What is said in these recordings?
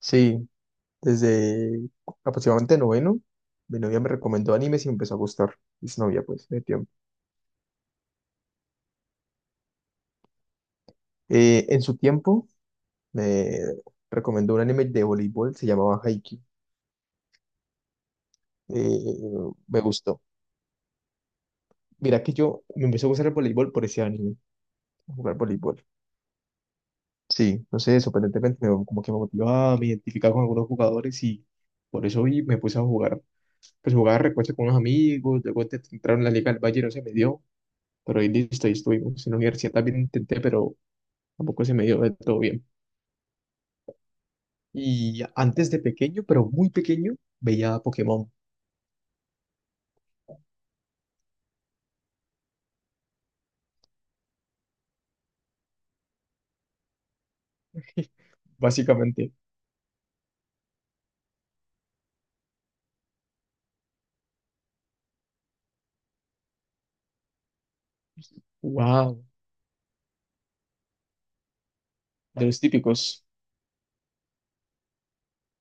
Sí, desde aproximadamente noveno, mi novia me recomendó animes y me empezó a gustar. Es novia, pues, de tiempo. En su tiempo, me recomendó un anime de voleibol, se llamaba Haikyuu. Eh, me gustó. Mira que yo me empezó a gustar el voleibol por ese anime, jugar voleibol. Sí, no sé, sorprendentemente me, como que me motivaba, me identificaba con algunos jugadores y por eso y me puse a jugar. Pues jugaba recuerdo con unos amigos, luego entraron en la Liga del Valle, no se me dio. Pero ahí listo, ahí estuvimos. En la universidad también intenté, pero tampoco se me dio de todo bien. Y antes de pequeño, pero muy pequeño, veía Pokémon, básicamente. Wow. De los típicos,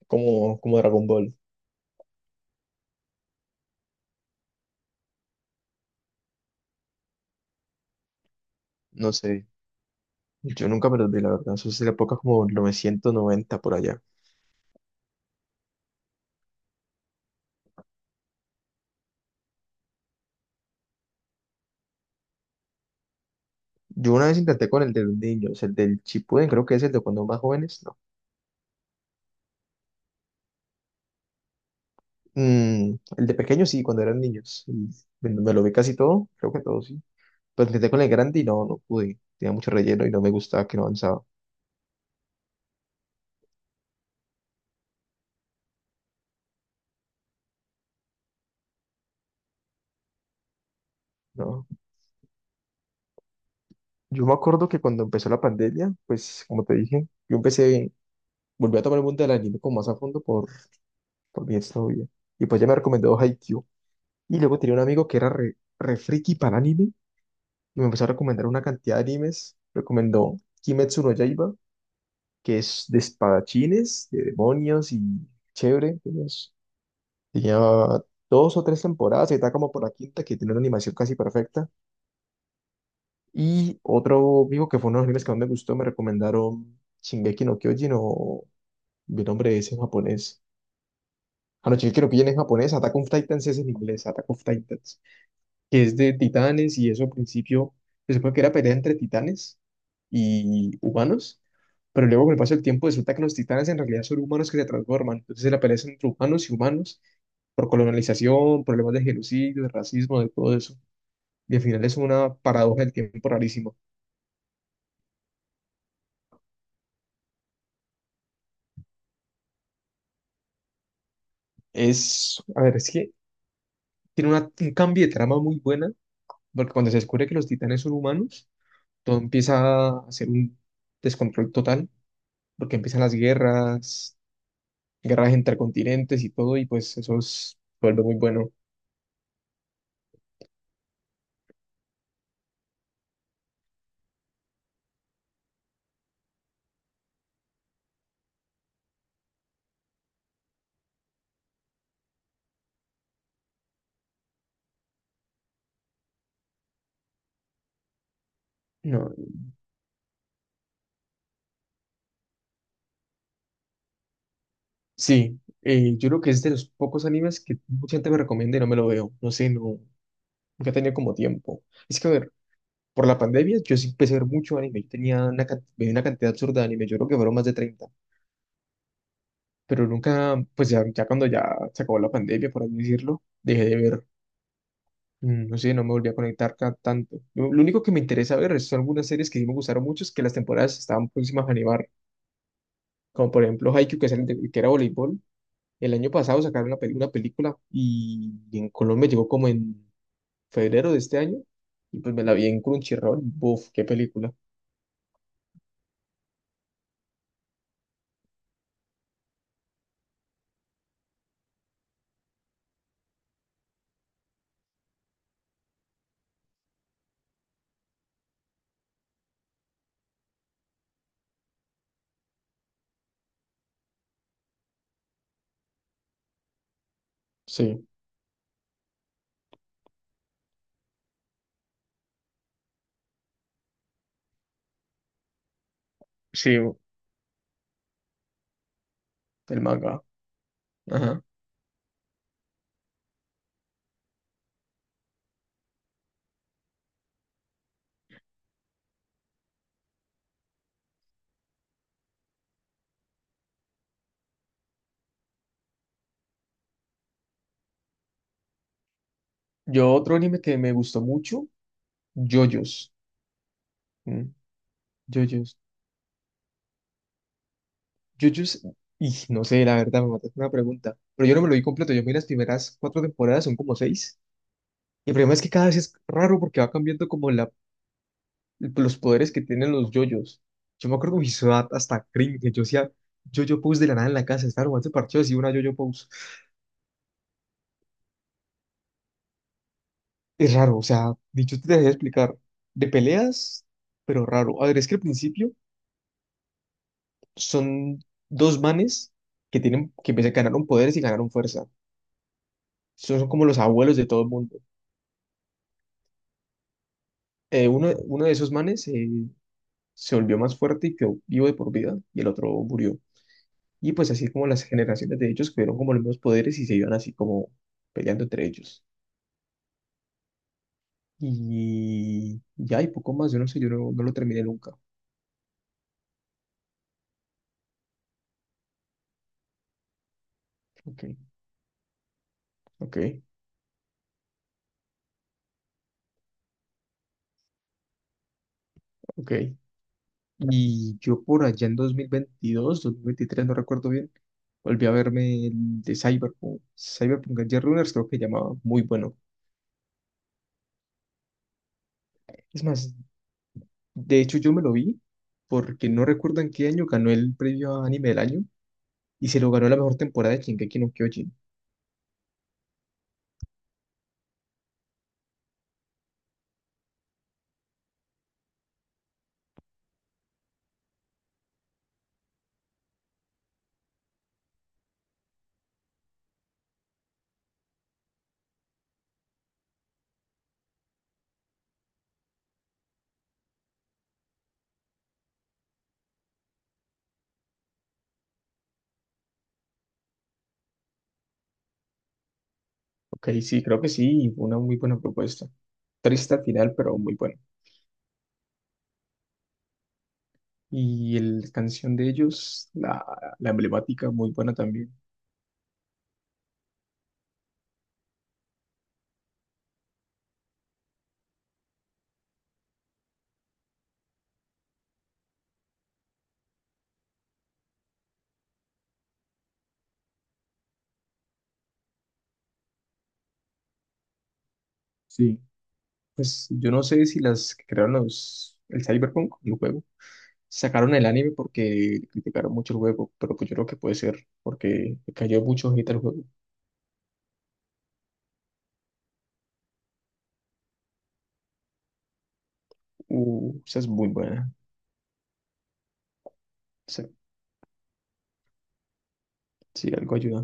como Dragon Ball. No sé. Yo nunca me los vi, la verdad. Eso es de la época como 990 por allá. Yo una vez intenté con el de los niños, el del Chipuden, creo que es el de cuando más jóvenes, ¿no? Mm, el de pequeños sí, cuando eran niños. Y me lo vi casi todo, creo que todos. Pero intenté con el grande y no, no pude. Tenía mucho relleno y no me gustaba que no avanzaba. No. Yo me acuerdo que cuando empezó la pandemia, pues como te dije, yo empecé, volví a tomar el mundo del anime como más a fondo por mi exnovia. Y pues ya me recomendó Haikyuu. Y luego tenía un amigo que era re friki para el anime y me empezó a recomendar una cantidad de animes. Recomendó Kimetsu no Yaiba, que es de espadachines, de demonios y chévere. Tenía dos o tres temporadas y está como por la quinta que tiene una animación casi perfecta. Y otro amigo que fue uno de los animes que más me gustó, me recomendaron Shingeki no Kyojin o mi nombre es en japonés. Ah, no, Shingeki no Kyojin en japonés, Attack of Titans es en inglés, Attack of Titans, que es de titanes y eso al principio se supone que era pelea entre titanes y humanos, pero luego con el paso del tiempo resulta que los titanes en realidad son humanos que se transforman, entonces la pelea es entre humanos y humanos por colonización, problemas de genocidio, de racismo, de todo eso. Y al final es una paradoja del tiempo rarísima. Es, a ver, es que tiene un cambio de trama muy buena, porque cuando se descubre que los titanes son humanos, todo empieza a ser un descontrol total, porque empiezan las guerras, guerras entre continentes y todo, y pues vuelve muy bueno. No, sí, yo creo que es de los pocos animes que mucha gente me recomienda y no me lo veo. No sé, no, nunca he tenido como tiempo. Es que, a ver, por la pandemia yo sí empecé a ver mucho anime. Yo tenía veía una cantidad absurda de anime. Yo creo que fueron más de 30, pero nunca, pues ya, ya cuando ya se acabó la pandemia, por así decirlo, dejé de ver, no sé, no me volví a conectar tanto. Lo único que me interesa ver son algunas series que sí me gustaron mucho, es que las temporadas estaban próximas a animar, como por ejemplo Haikyuu, que, es que era voleibol. El año pasado sacaron una película y en Colombia llegó como en febrero de este año, y pues me la vi en Crunchyroll, buf, qué película. Sí, sí, el manga. Ajá. Yo otro anime que me gustó mucho, JoJo's. Mm, JoJo's. Jujutsu, y no sé, la verdad, me mataste una pregunta, pero yo no me lo vi completo, yo vi las primeras cuatro temporadas, son como seis, y el problema es que cada vez es raro porque va cambiando como los poderes que tienen los yoyos. Yo me acuerdo que mi ciudad hasta cringe, yo hacía yoyo pose de la nada en la casa, estaba jugando parcheos y una yoyo pose. Es raro, o sea, dicho te dejé explicar, de peleas, pero raro. A ver, es que al principio son dos manes que tienen, que ganaron poderes y ganaron fuerza. Son como los abuelos de todo el mundo. Uno, uno de esos manes se volvió más fuerte y quedó vivo de por vida, y el otro murió. Y pues así como las generaciones de ellos tuvieron como los mismos poderes y se iban así como peleando entre ellos. Y ya hay poco más, yo no sé, yo no, no lo terminé nunca. Ok, ok, ok. Y yo por allá en 2022, 2023 no recuerdo bien, volví a verme el de Cyberpunk, Cyberpunk Edge Runners creo que llamaba, muy bueno. Es más, de hecho, yo me lo vi porque no recuerdo en qué año ganó el premio a anime del año y se lo ganó la mejor temporada de Shingeki no Kyojin. Ok, sí, creo que sí, fue una muy buena propuesta. Triste al final, pero muy buena. Y la canción de ellos, la emblemática, muy buena también. Sí. Pues yo no sé si las que crearon el Cyberpunk, el juego, sacaron el anime porque criticaron mucho el juego, pero pues yo creo que puede ser porque le cayó mucho hate al juego. Esa es muy buena. Sí, sí, algo ayuda.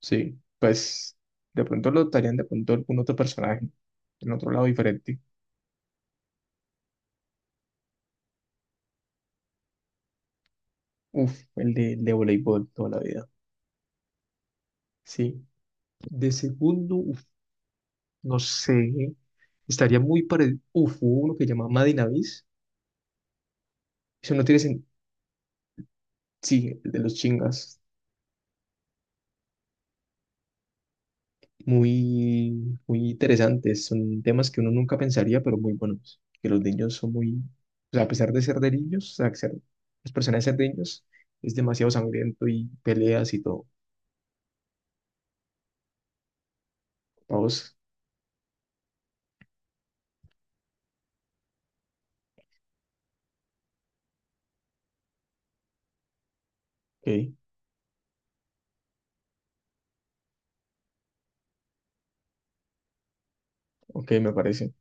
Sí, pues de pronto lo estarían de pronto algún otro personaje, en otro lado diferente. Uf, el de voleibol toda la vida. Sí, de segundo, uf, no sé, estaría muy parecido. Uf, hubo uno que se llama Madinavis. Eso no Sí, el de los chingas. Muy, muy interesantes. Son temas que uno nunca pensaría, pero muy buenos. Que los niños son muy. O sea, a pesar de ser de niños, o sea, los personajes de ser de niños, es demasiado sangriento y peleas y todo. Todos. Ok, ok, me parece.